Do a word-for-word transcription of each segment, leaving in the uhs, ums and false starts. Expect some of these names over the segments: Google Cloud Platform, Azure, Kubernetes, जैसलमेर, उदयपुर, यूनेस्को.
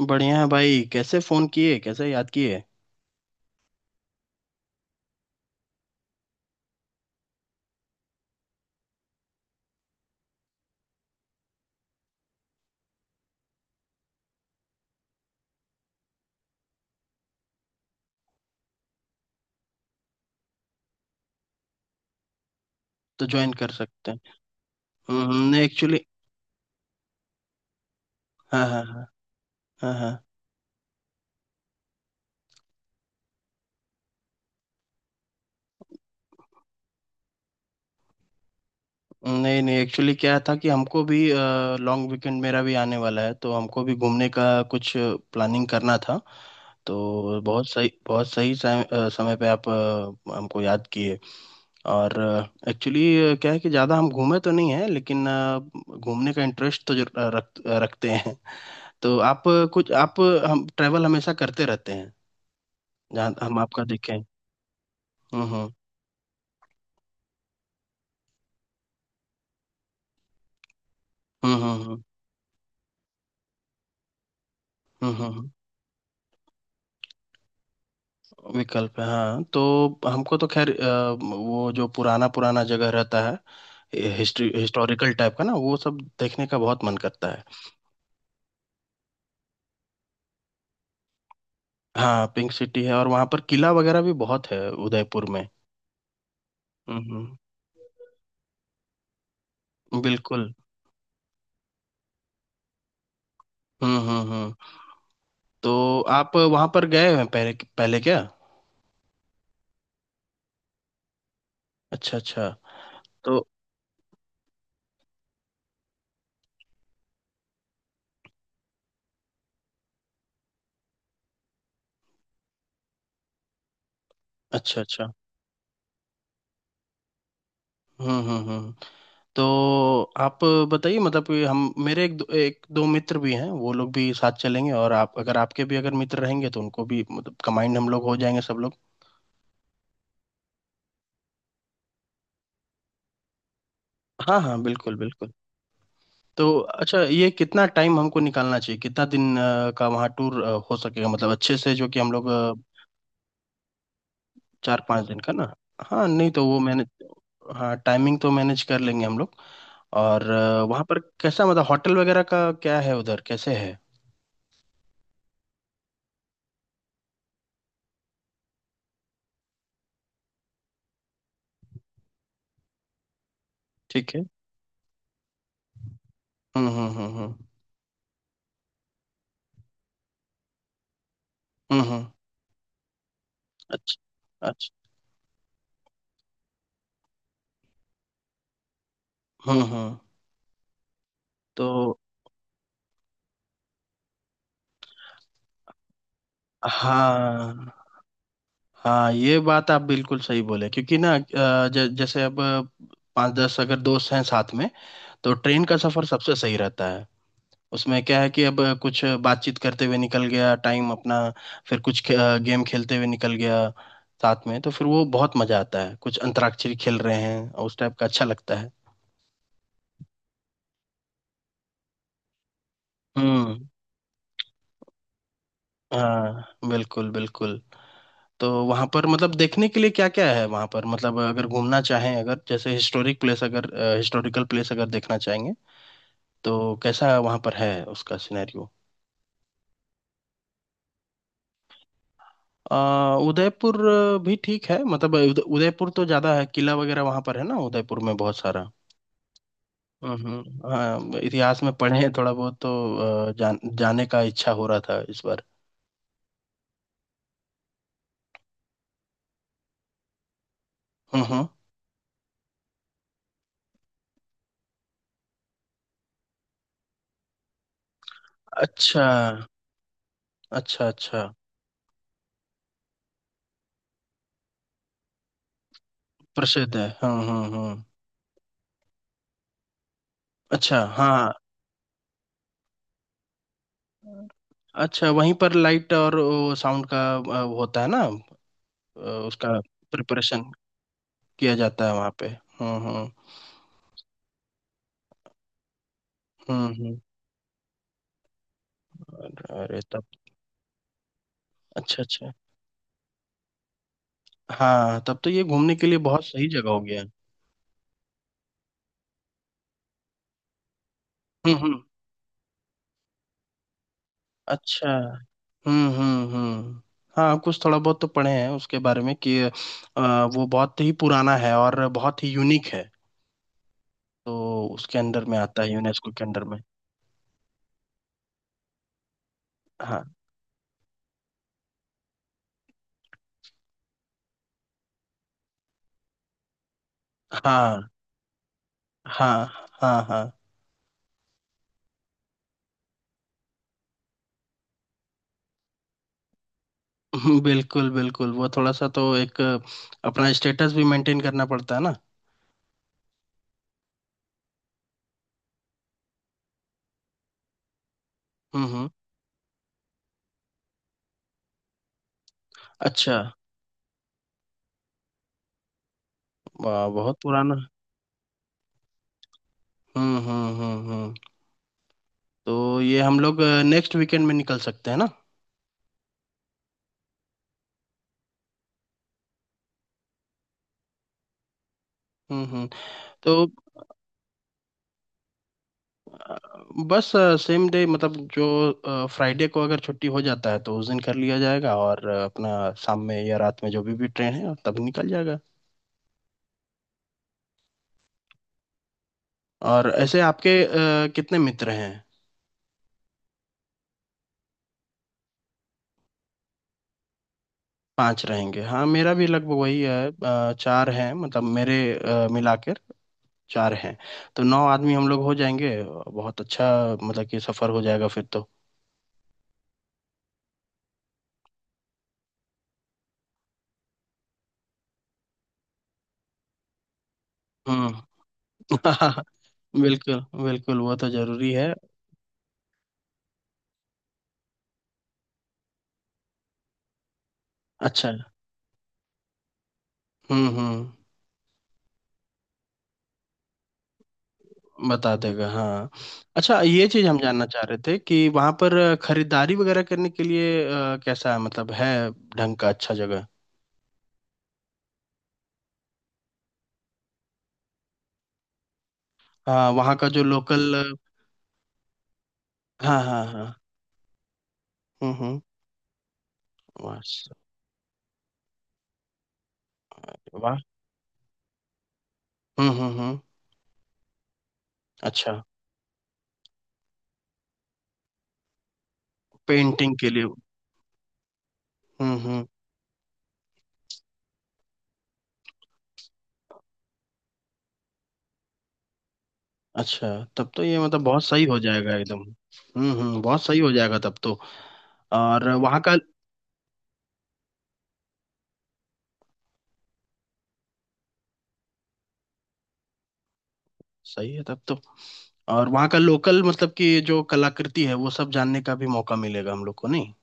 बढ़िया है भाई। कैसे फोन किए, कैसे याद किए? तो ज्वाइन कर सकते हैं। हम्म, नहीं, एक्चुअली। हाँ, हाँ, हाँ। हाँ, हाँ, नहीं नहीं, एक्चुअली क्या था कि हमको भी लॉन्ग वीकेंड मेरा भी आने वाला है, तो हमको भी घूमने का कुछ प्लानिंग करना था। तो बहुत सही, बहुत सही समय, अ, समय पे आप अ, हमको याद किए। और एक्चुअली क्या है कि ज़्यादा हम घूमे तो नहीं है, लेकिन अ, घूमने का इंटरेस्ट तो जरूर- रख, रखते हैं। तो आप अ, कुछ आप अ, हम ट्रैवल हमेशा करते रहते हैं, जहाँ हम आपका देखें। हम्म। हम्म। हम्म। हम्म। हम्म। हम्म। हम्म। हम्म। विकल्प है, हाँ। तो हमको तो खैर अ, वो जो पुराना पुराना जगह रहता है, हिस्ट्री हिस्टोरिकल टाइप का ना, वो सब देखने का बहुत मन करता है। हाँ, पिंक सिटी है और वहाँ पर किला वगैरह भी बहुत है, उदयपुर में। हम्म। हम्म, बिल्कुल। हम्म। हम्म। हम्म। तो आप वहाँ पर गए हैं पहले? पहले क्या? अच्छा, अच्छा। तो अच्छा, अच्छा। हम्म। हम्म। हम्म। तो आप बताइए, मतलब कि हम मेरे एक दो, एक दो मित्र भी हैं, वो लोग भी साथ चलेंगे, और आप अगर आपके भी अगर मित्र रहेंगे तो उनको भी, मतलब कंबाइंड हम लोग हो जाएंगे सब लोग। हाँ, हाँ, बिल्कुल बिल्कुल। तो अच्छा, ये कितना टाइम हमको निकालना चाहिए, कितना दिन अ, का वहाँ टूर अ, हो सकेगा, मतलब अच्छे से, जो कि हम लोग अ, चार पाँच दिन का ना। हाँ, नहीं तो वो मैंने, हाँ, टाइमिंग तो मैनेज कर लेंगे हम लोग। और अ, वहाँ पर कैसा, मतलब होटल वगैरह का क्या है, उधर कैसे है? ठीक है। हम्म। हम्म। हम्म। हम्म। हम्म। हम्म। अच्छा, अच्छा। हम्म। हम्म। तो हाँ, हाँ, ये बात आप बिल्कुल सही बोले, क्योंकि ना अ, ज, जैसे अब पांच दस अगर दोस्त हैं साथ में, तो ट्रेन का सफर सबसे सही रहता है। उसमें क्या है कि अब कुछ बातचीत करते हुए निकल गया टाइम अपना, फिर कुछ खे, अ, गेम खेलते हुए निकल गया साथ में, तो फिर वो बहुत मजा आता है, कुछ अंतराक्षरी खेल रहे हैं और उस टाइप का अच्छा लगता है। हम्म। हाँ, बिल्कुल बिल्कुल। तो वहां पर मतलब देखने के लिए क्या क्या है वहां पर, मतलब अगर घूमना चाहें, अगर जैसे हिस्टोरिक प्लेस अगर हिस्टोरिकल प्लेस अगर देखना चाहेंगे, तो कैसा वहां पर है, उसका सिनेरियो? उदयपुर अ, भी ठीक है, मतलब उद, उदयपुर तो ज्यादा है, किला वगैरह वहां पर है ना, उदयपुर में बहुत सारा। हम्म। हाँ, इतिहास में पढ़े हैं थोड़ा बहुत, तो अ, जान, जाने का इच्छा हो रहा था इस बार। हम्म। हम्म। अच्छा, अच्छा, अच्छा। प्रसिद्ध है। हम्म। हम्म। हम्म। अच्छा, हाँ। अच्छा, वहीं पर लाइट और साउंड का अ, होता है ना? अ, उसका प्रिपरेशन किया जाता है वहाँ पे। हम्म। हम्म। हम्म। हम्म। अरे तब, अच्छा अच्छा। हाँ, तब तो ये घूमने के लिए बहुत सही जगह हो गया। हम्म। हम्म। अच्छा। हम्म। हम्म। हम्म। हाँ, कुछ थोड़ा बहुत तो पढ़े हैं उसके बारे में, कि अ, वो बहुत ही पुराना है और बहुत ही यूनिक है। तो उसके अंडर में आता है, यूनेस्को के अंडर में। हाँ, हाँ, हाँ, हाँ, हाँ। हम्म, बिल्कुल बिल्कुल। वो थोड़ा सा तो, एक अपना स्टेटस भी मेंटेन करना पड़ता है ना। हम्म। हम्म। अच्छा। वाह, बहुत पुराना। हम्म। हम्म। हम्म। हम्म। तो ये हम लोग नेक्स्ट वीकेंड में निकल सकते हैं ना? हम्म। हम्म। तो अ, बस सेम डे, मतलब जो फ्राइडे को अगर छुट्टी हो जाता है तो उस दिन कर लिया जाएगा, और अ, अपना शाम में या रात में जो भी भी ट्रेन है तब निकल जाएगा। और ऐसे आपके अ, कितने मित्र हैं? पाँच रहेंगे। हाँ, मेरा भी लगभग वही है, अ, चार हैं, मतलब मेरे अ, मिलाकर चार हैं। तो नौ आदमी हम लोग हो जाएंगे, बहुत अच्छा, मतलब कि सफर हो जाएगा फिर तो। हम्म। बिल्कुल बिल्कुल, वो तो जरूरी है। अच्छा। हम्म। हम्म। बता देगा, हाँ। अच्छा, ये चीज़ हम जानना चाह रहे थे कि वहाँ पर खरीदारी वगैरह करने के लिए अ, कैसा है, मतलब है ढंग का अच्छा जगह? हाँ, वहाँ का जो लोकल। हाँ, हाँ, हाँ। हम्म। हम्म। वाह, वाह। हम्म। हम्म। हम्म। अच्छा। पेंटिंग के लिए। हम्म। हम्म। अच्छा, तब तो ये मतलब बहुत सही हो जाएगा एकदम। हम्म। हम्म। बहुत सही हो जाएगा तब तो। और वहाँ का सही है तब तो। और वहाँ का लोकल, मतलब कि जो कलाकृति है वो सब जानने का भी मौका मिलेगा हम लोग को, नहीं?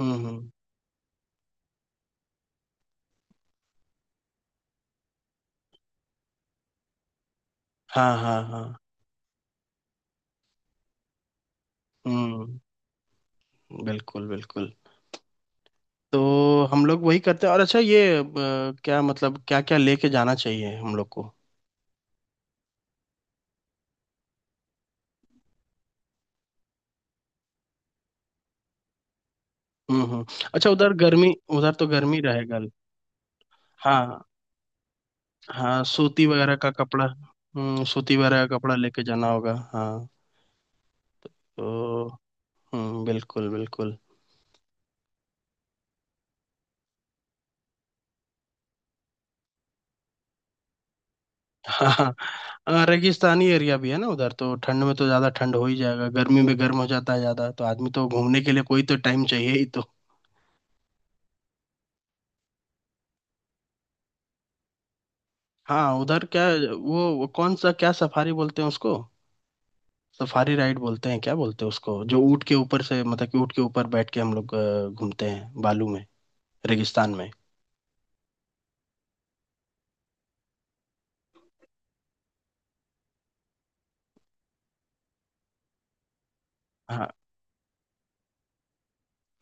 हम्म। हम्म। हाँ, हाँ, हाँ। हम्म, बिल्कुल बिल्कुल। तो हम लोग वही करते हैं। और अच्छा, ये अ, क्या, मतलब क्या क्या लेके जाना चाहिए हम लोग को? हम्म। हम्म। अच्छा, उधर गर्मी उधर तो गर्मी रहेगा। हाँ, हाँ, सूती वगैरह का कपड़ा। हम्म, सूती वगैरह का कपड़ा लेके जाना होगा, हाँ। तो हम्म, बिल्कुल बिल्कुल। हाँ, हाँ, रेगिस्तानी एरिया भी है ना उधर, तो ठंड में तो ज्यादा ठंड हो ही जाएगा, गर्मी में गर्म हो जाता है ज्यादा, तो आदमी तो घूमने के लिए कोई तो टाइम चाहिए ही तो। हाँ, उधर क्या, वो, वो कौन सा, क्या सफारी बोलते हैं उसको? सफारी राइड बोलते हैं, क्या बोलते हैं उसको, जो ऊँट के ऊपर से, मतलब कि ऊँट के ऊपर बैठ के हम लोग अ, घूमते हैं बालू में, रेगिस्तान में। हाँ।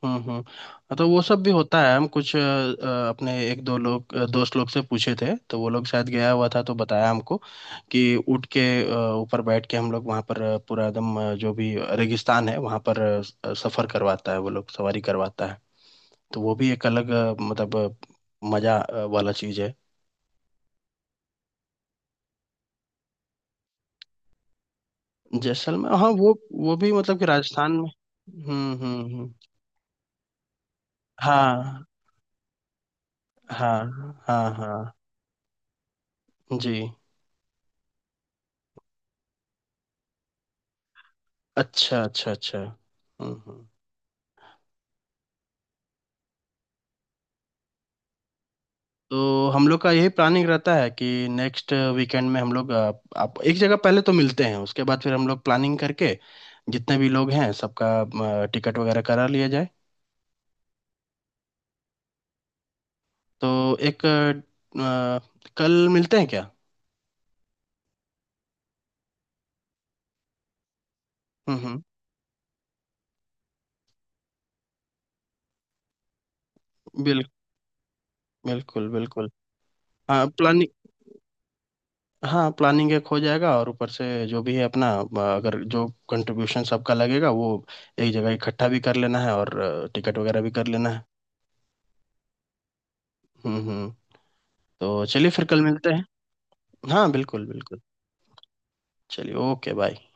हम्म। हम्म। तो वो सब भी होता है। हम कुछ अ, अ, अपने एक दो लोग, अ, दोस्त लोग से पूछे थे, तो वो लोग शायद गया हुआ था तो बताया हमको कि उठ के, अ, ऊपर बैठ के हम लोग वहाँ पर अ, पूरा एकदम, अ, जो भी रेगिस्तान है वहाँ पर, अ, स- अ, सफर करवाता है वो लोग, सवारी करवाता है। तो वो भी एक अलग, अ, मतलब अ, मजा अ, वाला चीज है। जैसलमेर, हाँ। वो वो भी मतलब कि राजस्थान में। हम्म। हम्म। हम्म। हाँ, हाँ, हाँ, हाँ, हाँ। जी, अच्छा, अच्छा, अच्छा। हम्म। हम्म। तो हम लोग का यही प्लानिंग रहता है कि नेक्स्ट वीकेंड में हम लोग, अ, आप एक जगह पहले तो मिलते हैं, उसके बाद फिर हम लोग प्लानिंग करके जितने भी लोग हैं सबका टिकट वगैरह करा लिया जाए। तो एक, अ, अ, कल मिलते हैं क्या? हम्म। हम्म। बिल, बिल्कुल बिल्कुल। हाँ प्लानिंग हाँ, प्लानिंग एक हो जाएगा, और ऊपर से जो भी है अपना अ, अगर जो कंट्रीब्यूशन सबका लगेगा, वो एक जगह इकट्ठा भी कर लेना है, और टिकट वगैरह भी कर लेना है। हम्म। हम्म। तो चलिए, फिर कल मिलते हैं। हाँ, बिल्कुल बिल्कुल। चलिए, ओके, बाय।